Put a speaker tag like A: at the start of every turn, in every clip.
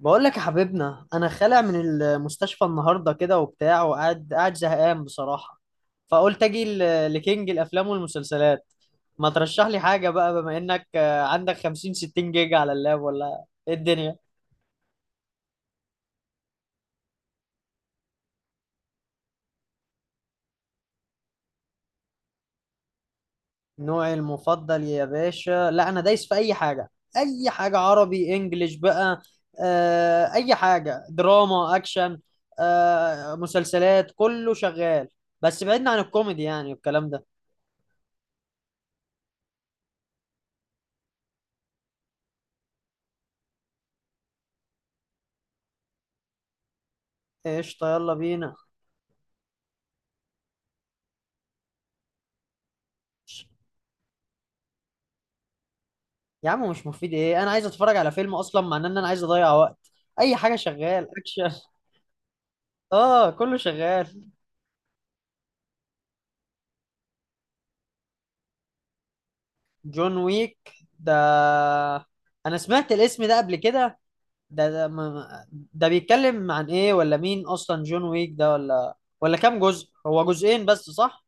A: بقول لك يا حبيبنا انا خالع من المستشفى النهارده كده وبتاع وقاعد قاعد زهقان بصراحه. فقلت اجي لكينج الافلام والمسلسلات. ما ترشح لي حاجه بقى بما انك عندك 50 60 جيجا على اللاب ولا ايه الدنيا؟ نوعي المفضل يا باشا، لا انا دايس في اي حاجه. اي حاجه، عربي انجليش بقى. اي حاجه، دراما اكشن. مسلسلات، كله شغال. بس بعدنا عن الكوميدي يعني والكلام ده. قشطه، يلا بينا. يا عم مش مفيد ايه، انا عايز اتفرج على فيلم اصلا، مع ان انا عايز اضيع وقت. اي حاجه شغال اكشن. اه كله شغال. جون ويك ده، انا سمعت الاسم ده قبل كده. ده ده, ما... ده بيتكلم عن ايه، ولا مين اصلا جون ويك ده، ولا كام جزء، هو جزئين بس صح؟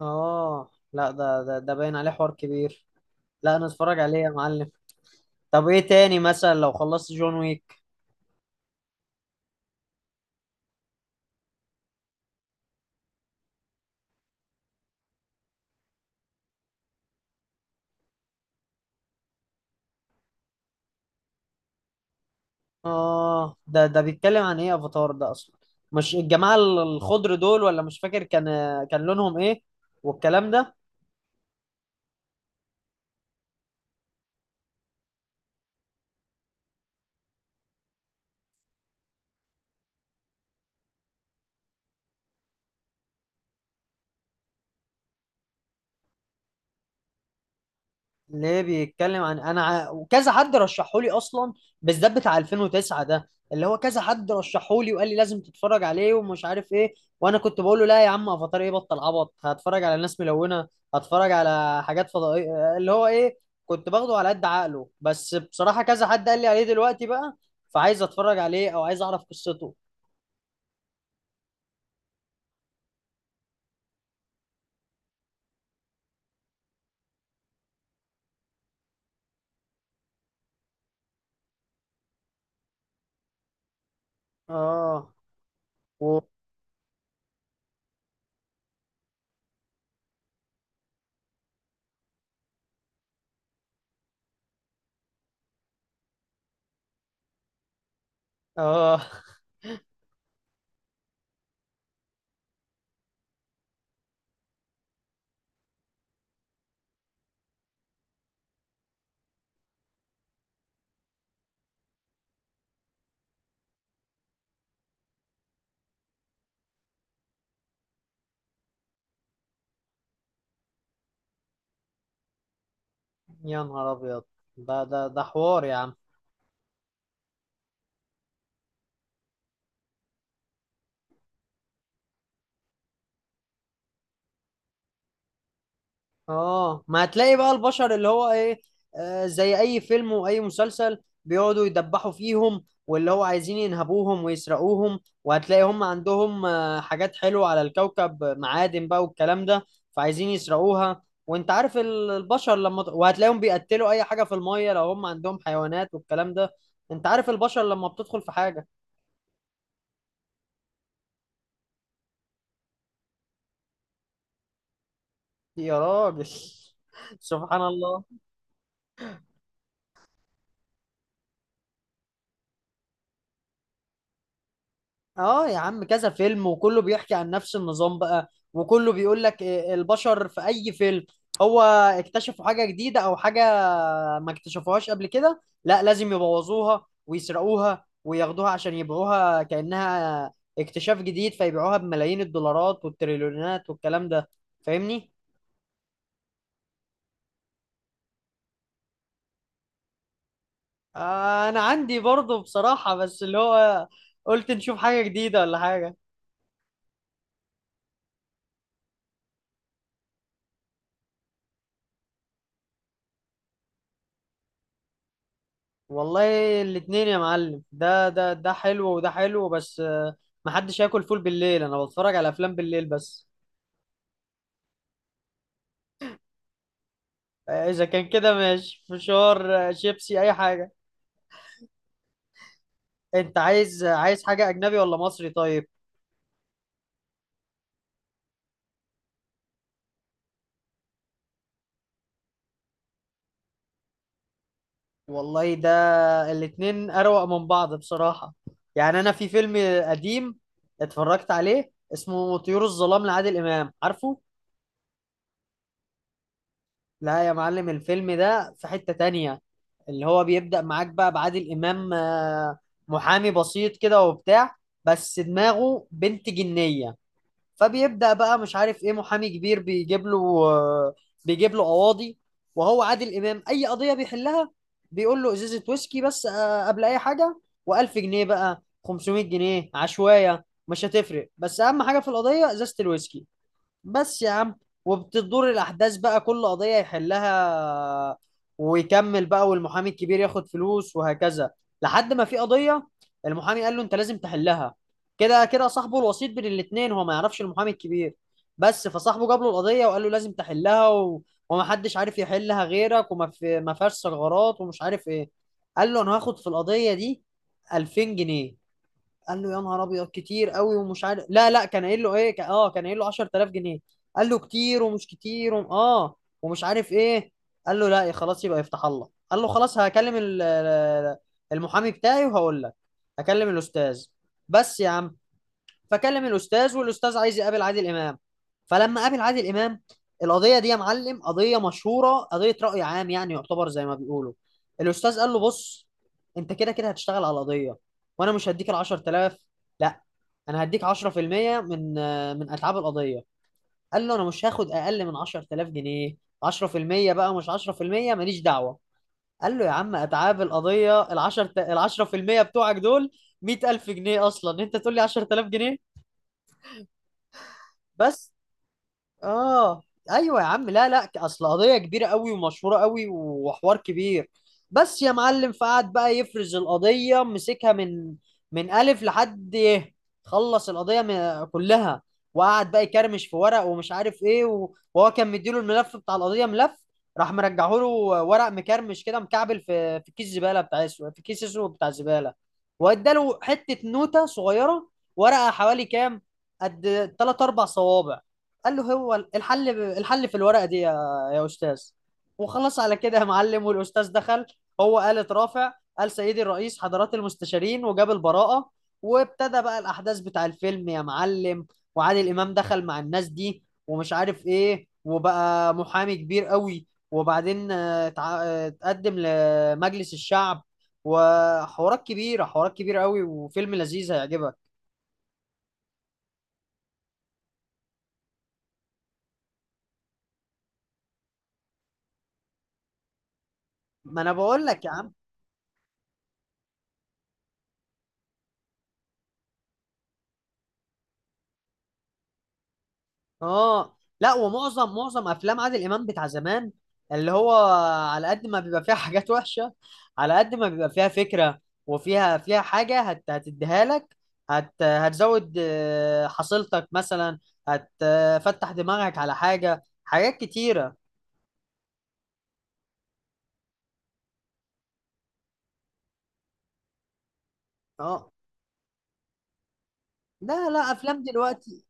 A: اه لا، ده باين عليه حوار كبير. لا انا اتفرج عليه يا معلم. طب ايه تاني مثلا لو خلصت جون ويك؟ اه ده بيتكلم عن ايه افاتار ده اصلا؟ مش الجماعه الخضر دول؟ ولا مش فاكر، كان لونهم ايه والكلام ده. ليه بيتكلم عن انا وكذا حد رشحه لي اصلا، بالذات بتاع 2009 ده، اللي هو كذا حد رشحه لي وقال لي لازم تتفرج عليه ومش عارف ايه. وانا كنت بقول له لا يا عم، افاتار ايه، بطل عبط، هتفرج على ناس ملونه؟ هتفرج على حاجات فضائيه اللي هو ايه؟ كنت باخده على قد عقله، بس بصراحه كذا حد قال لي عليه دلوقتي بقى، فعايز اتفرج عليه او عايز اعرف قصته. اه. و... اه، يا نهار ابيض، ده حوار يا عم. اه، ما هتلاقي بقى البشر اللي هو ايه، آه زي اي فيلم واي مسلسل. بيقعدوا يدبحوا فيهم، واللي هو عايزين ينهبوهم ويسرقوهم، وهتلاقي هم عندهم حاجات حلوة على الكوكب، معادن بقى والكلام ده. فعايزين يسرقوها. وانت عارف البشر لما وهتلاقيهم بيقتلوا اي حاجة في المية لو هم عندهم حيوانات والكلام ده. انت عارف البشر لما بتدخل في حاجة. يا راجل. سبحان الله. اه يا عم، كذا فيلم وكله بيحكي عن نفس النظام بقى، وكله بيقول لك إيه البشر في اي فيلم. هو اكتشفوا حاجة جديدة او حاجة ما اكتشفوهاش قبل كده، لا لازم يبوظوها ويسرقوها وياخدوها عشان يبيعوها كأنها اكتشاف جديد، فيبيعوها بملايين الدولارات والتريليونات والكلام ده. فاهمني؟ آه انا عندي برضه بصراحة، بس اللي هو قلت نشوف حاجة جديدة ولا حاجة. والله الاتنين يا معلم، ده حلو وده حلو، بس محدش ياكل فول بالليل، انا بتفرج على افلام بالليل بس. اذا كان كده ماشي، فشار، شيبسي، اي حاجة. انت عايز عايز حاجة اجنبي ولا مصري طيب؟ والله ده الاتنين اروق من بعض بصراحة. يعني انا في فيلم قديم اتفرجت عليه اسمه طيور الظلام لعادل امام، عارفه؟ لا يا معلم، الفيلم ده في حتة تانية. اللي هو بيبدأ معاك بقى بعادل إمام محامي بسيط كده وبتاع، بس دماغه بنت جنية. فبيبدأ بقى مش عارف إيه، محامي كبير بيجيب له، آه، بيجيب له قواضي، وهو عادل إمام أي قضية بيحلها بيقول له إزازة ويسكي بس، قبل أي حاجة. و1000 جنيه بقى، 500 جنيه عشوائية مش هتفرق، بس أهم حاجة في القضية إزازة الويسكي بس يا عم. وبتدور الأحداث بقى، كل قضية يحلها ويكمل بقى، والمحامي الكبير ياخد فلوس وهكذا. لحد ما في قضية، المحامي قال له أنت لازم تحلها. كده كده صاحبه الوسيط بين الاتنين، هو ما يعرفش المحامي الكبير بس، فصاحبه جاب له القضية وقال له لازم تحلها ومحدش عارف يحلها غيرك، ما فيهاش ثغرات، ومش عارف إيه. قال له أنا هاخد في القضية دي 2000 جنيه. قال له يا نهار ابيض كتير قوي، ومش عارف، لا لا كان قايل له ايه، كان قايل له 10000 جنيه. قال له كتير ومش كتير اه ومش عارف ايه. قال له لا يا خلاص يبقى يفتح الله. قال له خلاص هكلم المحامي بتاعي وهقول لك، هكلم الاستاذ بس يا عم. فكلم الاستاذ، والاستاذ عايز يقابل عادل امام. فلما قابل عادل امام، القضيه دي يا معلم قضيه مشهوره، قضيه راي عام يعني، يعتبر زي ما بيقولوا. الاستاذ قال له بص، انت كده كده هتشتغل على القضيه، وانا مش هديك ال 10000، لا انا هديك 10% من اتعاب القضيه. قال له انا مش هاخد اقل من 10000 جنيه، 10% بقى مش 10%، ماليش دعوه. قال له يا عم، اتعاب القضيه ال 10 ال 10% بتوعك دول 100000 جنيه اصلا، انت تقول لي 10000 جنيه بس؟ اه ايوه يا عم، لا لا اصل قضيه كبيره قوي ومشهوره قوي وحوار كبير بس يا معلم. فقعد بقى يفرز القضيه، مسكها من الف لحد يه. خلص القضيه كلها، وقعد بقى يكرمش في ورق ومش عارف ايه، وهو كان مديله الملف بتاع القضيه ملف، راح مرجعه له ورق مكرمش كده مكعبل في كيس زباله بتاع اسود، في كيس اسود بتاع زباله. واداله حته نوته صغيره، ورقه حوالي كام، قد 3 4 صوابع. قال له هو الحل، الحل في الورقه دي يا استاذ. وخلص على كده يا معلم، والاستاذ دخل هو قال اترافع، قال سيدي الرئيس حضرات المستشارين، وجاب البراءه. وابتدى بقى الاحداث بتاع الفيلم يا معلم، وعادل امام دخل مع الناس دي ومش عارف ايه، وبقى محامي كبير قوي، وبعدين اتقدم لمجلس الشعب. وحوارات كبيره، حوارات كبيره قوي، وفيلم لذيذ هيعجبك. ما انا بقول لك يا عم. اه لا، ومعظم افلام عادل امام بتاع زمان، اللي هو على قد ما بيبقى فيها حاجات وحشه، على قد ما بيبقى فيها فكره، وفيها حاجه، هتديها لك، هتزود حصيلتك مثلا، هتفتح دماغك على حاجه، حاجات كتيره. اه لا، افلام دلوقتي.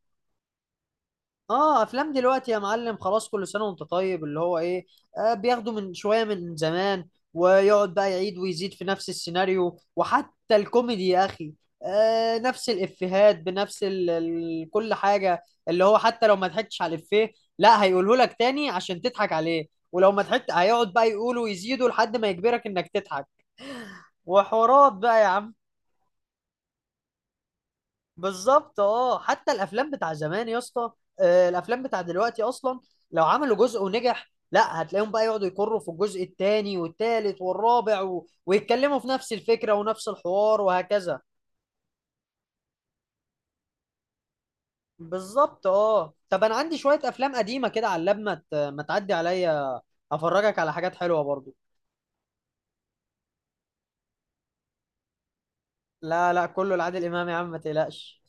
A: اه افلام دلوقتي يا معلم خلاص، كل سنه وانت طيب اللي هو ايه. آه بياخدوا من شويه من زمان، ويقعد بقى يعيد ويزيد في نفس السيناريو، وحتى الكوميدي يا اخي آه نفس الافيهات بنفس ال كل حاجه، اللي هو حتى لو ما ضحكتش على الافيه، لا هيقوله لك تاني عشان تضحك عليه، ولو ما ضحكت هيقعد بقى يقوله ويزيده لحد ما يجبرك انك تضحك، وحوارات بقى يا عم. بالظبط اه، حتى الافلام بتاع زمان يا اسطى، الافلام بتاع دلوقتي اصلا لو عملوا جزء ونجح، لا هتلاقيهم بقى يقعدوا يكروا في الجزء الثاني والثالث والرابع ويتكلموا في نفس الفكرة ونفس الحوار وهكذا. بالظبط اه، طب انا عندي شوية افلام قديمة كده على اللاب، ما تعدي عليا افرجك على حاجات حلوة برضو. لا لا كله لعادل امام يا عم ما تقلقش.